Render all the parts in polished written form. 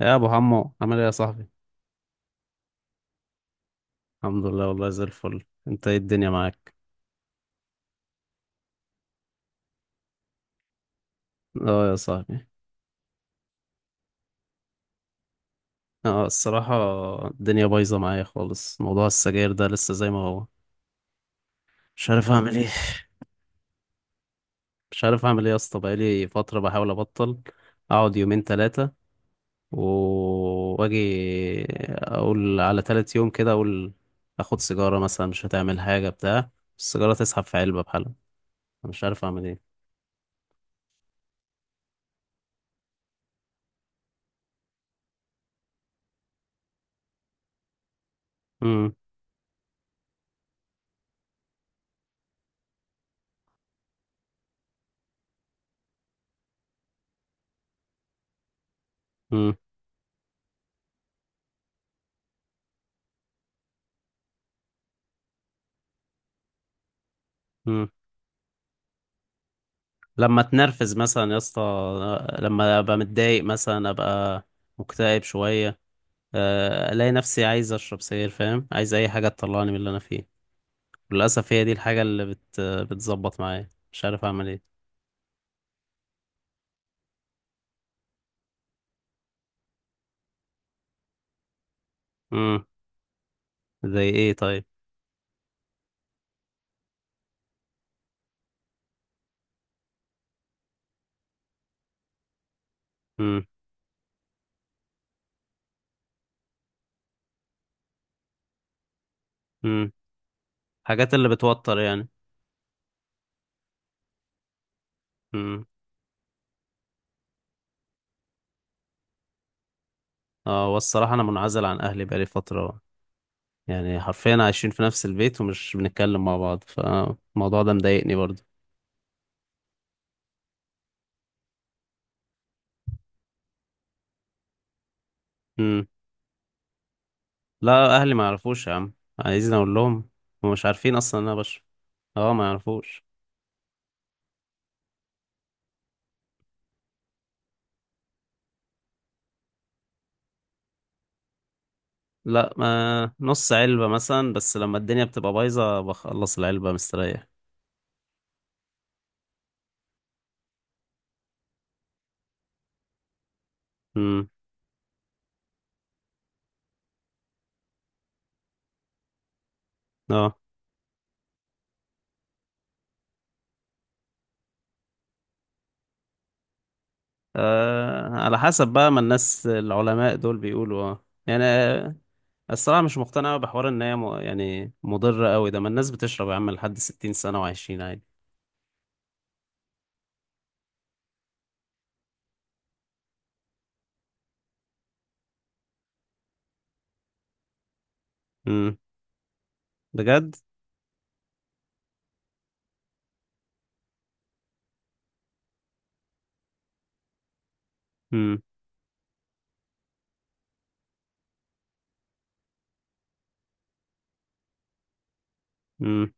يا ابو حمو عامل ايه يا صاحبي؟ الحمد لله والله زي الفل، انت ايه الدنيا معاك؟ اه يا صاحبي. اه الصراحه الدنيا بايظه معايا خالص، موضوع السجاير ده لسه زي ما هو، مش عارف اعمل ايه. مش عارف اعمل ايه يا اسطى، بقالي فتره بحاول ابطل، اقعد يومين ثلاثه واجي اقول على ثالث يوم كده، اقول اخد سيجاره مثلا مش هتعمل حاجه بتاع السيجاره تسحب في علبه بحالها. أنا مش عارف اعمل ايه. امم. لما اتنرفز مثلا يا اسطى، لما ابقى متضايق مثلا، ابقى مكتئب شويه، الاقي نفسي عايز اشرب سجاير، فاهم؟ عايز اي حاجه تطلعني من اللي انا فيه، للاسف هي دي الحاجه اللي بتظبط معايا، مش عارف اعمل ايه. امم. زي ايه طيب؟ امم. امم. حاجات اللي بتوتر يعني. امم. اه والصراحه انا منعزل عن اهلي بقالي فتره، يعني حرفيا عايشين في نفس البيت ومش بنتكلم مع بعض، فالموضوع ده مضايقني برضه. لا اهلي ما يعرفوش يا عم، عايزين اقول لهم؟ هم مش عارفين اصلا ان انا بشرب. اه ما يعرفوش. لا، ما نص علبة مثلا، بس لما الدنيا بتبقى بايظة بخلص العلبة مستريح. امم. اه. آه، على حسب بقى، ما الناس العلماء دول بيقولوا اه يعني، آه، الصراحة مش مقتنع أوي بحوار ان هي يعني مضرة قوي ده، ما الناس بتشرب يا عم لحد 60 سنة وعايشين عادي. امم. بجد. امم. امم.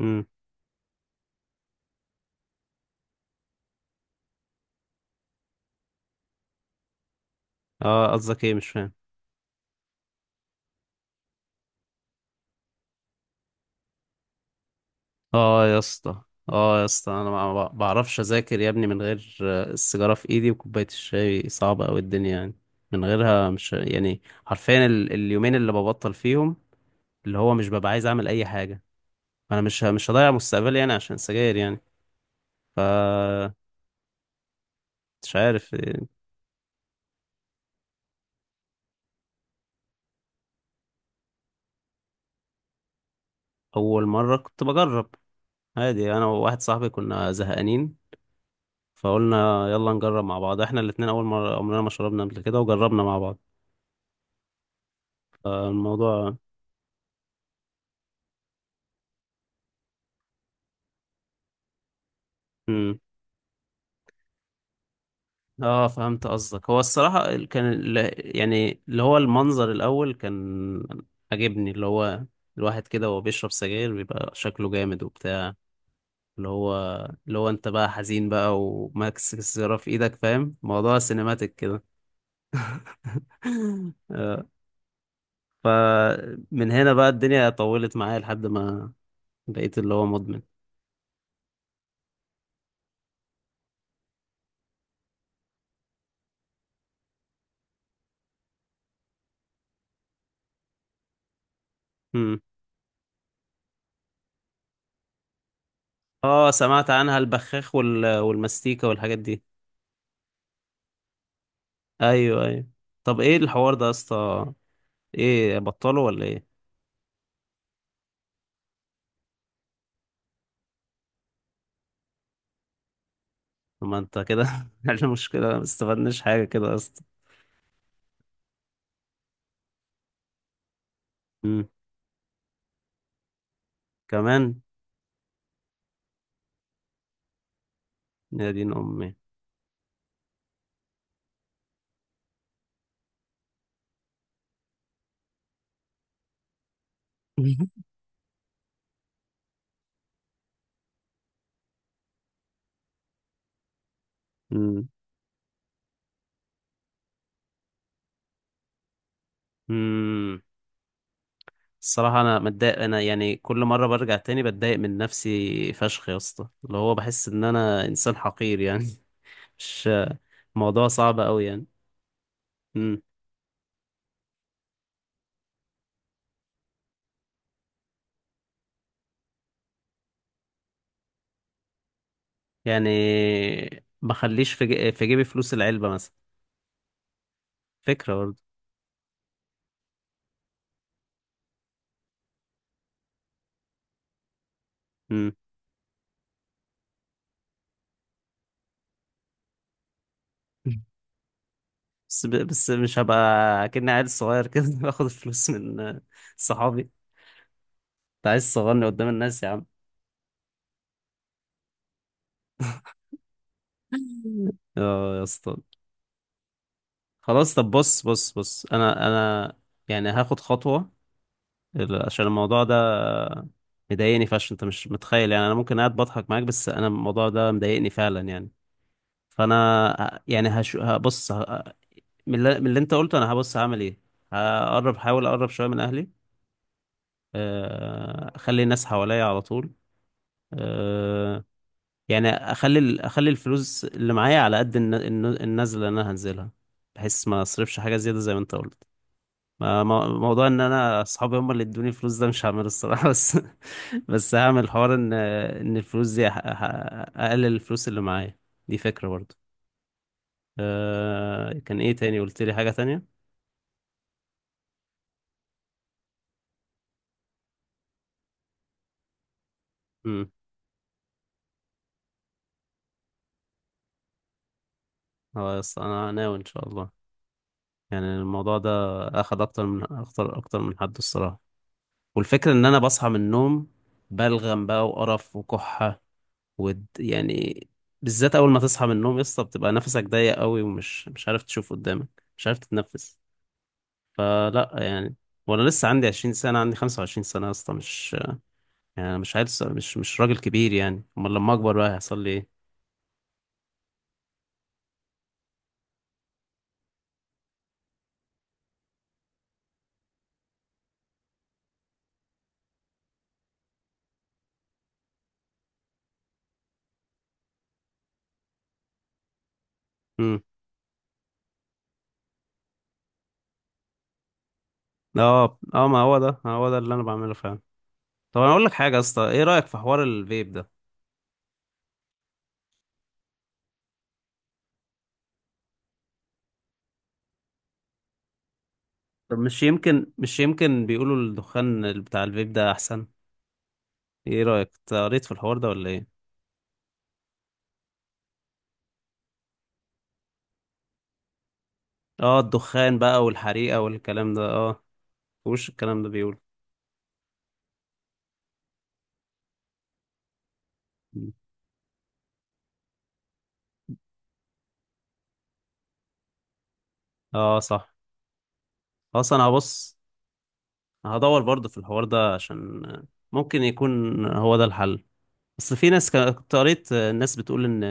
امم. اه قصدك ايه؟ مش فاهم. اه يا اسطى. اه يا اسطى انا ما بعرفش اذاكر يا ابني من غير السيجاره في ايدي وكوبايه الشاي، صعبه قوي الدنيا يعني من غيرها، مش يعني حرفيا اليومين اللي ببطل فيهم، اللي هو مش ببقى عايز اعمل اي حاجه. انا مش هضيع مستقبلي يعني عشان سجاير يعني، ف... مش عارف. آه، اول مره كنت بجرب عادي، انا وواحد صاحبي كنا زهقانين فقلنا يلا نجرب مع بعض، احنا الاتنين اول مره عمرنا ما شربنا قبل كده، وجربنا مع بعض فالموضوع. اه فهمت قصدك. هو الصراحة يعني اللي هو المنظر الأول كان عجبني، اللي هو الواحد كده وهو بيشرب سجاير بيبقى شكله جامد وبتاع، اللي هو اللي هو انت بقى حزين بقى وماكس السيجارة في ايدك، فاهم؟ موضوع سينماتيك كده. آه، فمن هنا بقى الدنيا طولت معايا لحد ما بقيت اللي هو مدمن. مم. اه سمعت عنها، البخاخ وال... والمستيكة والحاجات دي. ايوه ايوه. طب ايه الحوار ده يا اسطى؟ ايه بطلوا ولا ايه؟ طب ما انت كده عشان مشكلة، ما استفدناش حاجة كده يا اسطى. أمم، كمان. يا دين امي. أمم. أمم. الصراحة انا متضايق، انا يعني كل مرة برجع تاني بتضايق من نفسي فشخ يا اسطى، اللي هو بحس ان انا انسان حقير يعني. مش... موضوع صعب قوي يعني. أمم. يعني ما اخليش في في جيبي فلوس العلبة مثلا؟ فكرة برضه. أمم. بس بس مش هبقى كأني عيل صغير كده باخد الفلوس من صحابي؟ انت عايز تصغرني قدام الناس يا عم. اه يا اسطى. خلاص طب بص بص بص، انا انا يعني هاخد خطوة، عشان الموضوع ده مضايقني فشخ، انت مش متخيل يعني، انا ممكن قاعد بضحك معاك بس انا الموضوع ده مضايقني فعلا يعني. فانا يعني هبص ه... من اللي... من اللي انت قلته انا هبص هعمل ايه. هقرب، حاول اقرب شوية من اهلي، آه، اخلي الناس حواليا على طول، آه، يعني اخلي اخلي الفلوس اللي معايا على قد النزله اللي انا هنزلها، بحيث ما اصرفش حاجه زياده زي ما انت قلت. موضوع ان انا اصحابي هم اللي ادوني الفلوس ده مش هعمله الصراحه، بس بس هعمل حوار ان الفلوس دي اقلل الفلوس اللي معايا، دي فكره برضو. أه كان ايه تاني؟ قلت لي حاجه تانية. امم. خلاص انا ناوي ان شاء الله، يعني الموضوع ده اخد اكتر من حد الصراحه. والفكره ان انا بصحى من النوم بلغم بقى وقرف وكحه، ود يعني، بالذات اول ما تصحى من النوم يا اسطى بتبقى نفسك ضيق قوي، ومش مش عارف تشوف قدامك، مش عارف تتنفس. فلا يعني، وانا لسه عندي 20 سنه، عندي 25 سنه يا اسطى، مش يعني، أنا مش عارف، مش راجل كبير يعني، امال لما اكبر بقى هيحصل لي ايه؟ امم. اه ما هو ده، هو ده اللي انا بعمله فعلا. طب انا اقول لك حاجه يا اسطى، ايه رايك في حوار الفيب ده؟ طب مش يمكن بيقولوا الدخان بتاع الفيب ده احسن؟ ايه رايك أنت قريت في الحوار ده ولا ايه؟ اه الدخان بقى والحريقه والكلام ده، اه وش الكلام ده بيقول. اه صح. خلاص انا هبص، هدور برضه في الحوار ده، عشان ممكن يكون هو ده الحل، اصل في ناس كنت قريت الناس بتقول ان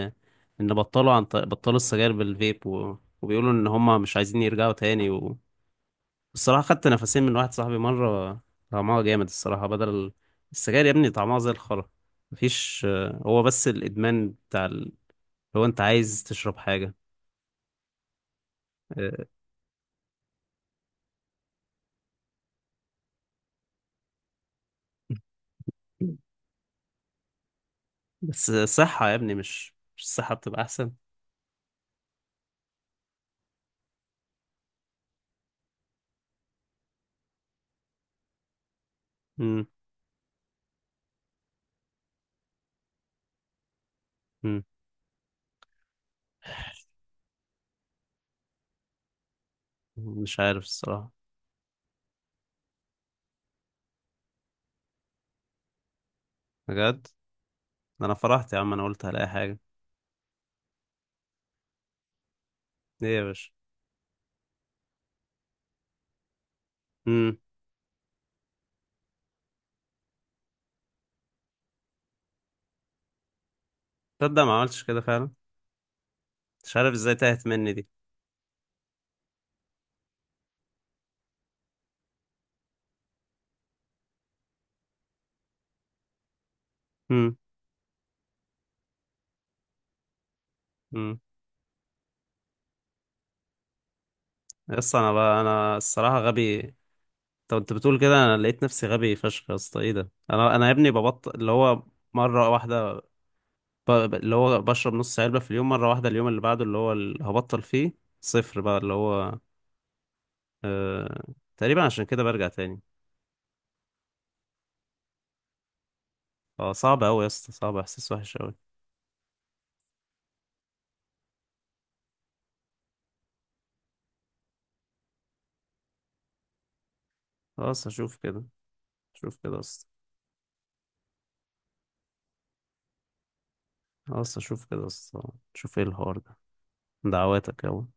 بطلوا بطلوا السجاير بالفيب و... وبيقولوا ان هم مش عايزين يرجعوا تاني و... الصراحة خدت نفسين من واحد صاحبي مرة، طعمها جامد الصراحة، بدل السجاير يا ابني طعمها زي الخرا، مفيش، هو بس الادمان بتاع ال... لو انت عايز تشرب حاجة. بس صحة يا ابني، مش الصحة بتبقى أحسن؟ مم. مم. مش عارف الصراحة. بجد؟ ده أنا فرحت يا عم، أنا قلت هلاقي حاجة. إيه يا باشا؟ مم. تصدق ما عملتش كده فعلا. مش عارف إزاي تاهت مني دي. مم. مم. يا اسطى أنا بقى أنا الصراحة غبي. طب أنت كنت بتقول كده، أنا لقيت نفسي غبي فشخ يا اسطى، إيه ده، أنا يا ابني ببطل اللي هو مرة واحدة، اللي هو بشرب نص علبة في اليوم، مرة واحدة اليوم اللي بعده اللي هو اللي هبطل فيه صفر بقى، اللي هو آه... تقريبا عشان كده برجع تاني. اه صعب أوي يا اسطى، صعب، احساس وحش أوي. خلاص اشوف كده، اشوف كده يا اسطى. خلاص اشوف كده يا اسطى، شوف ايه الحوار ده. دعواتك يلا.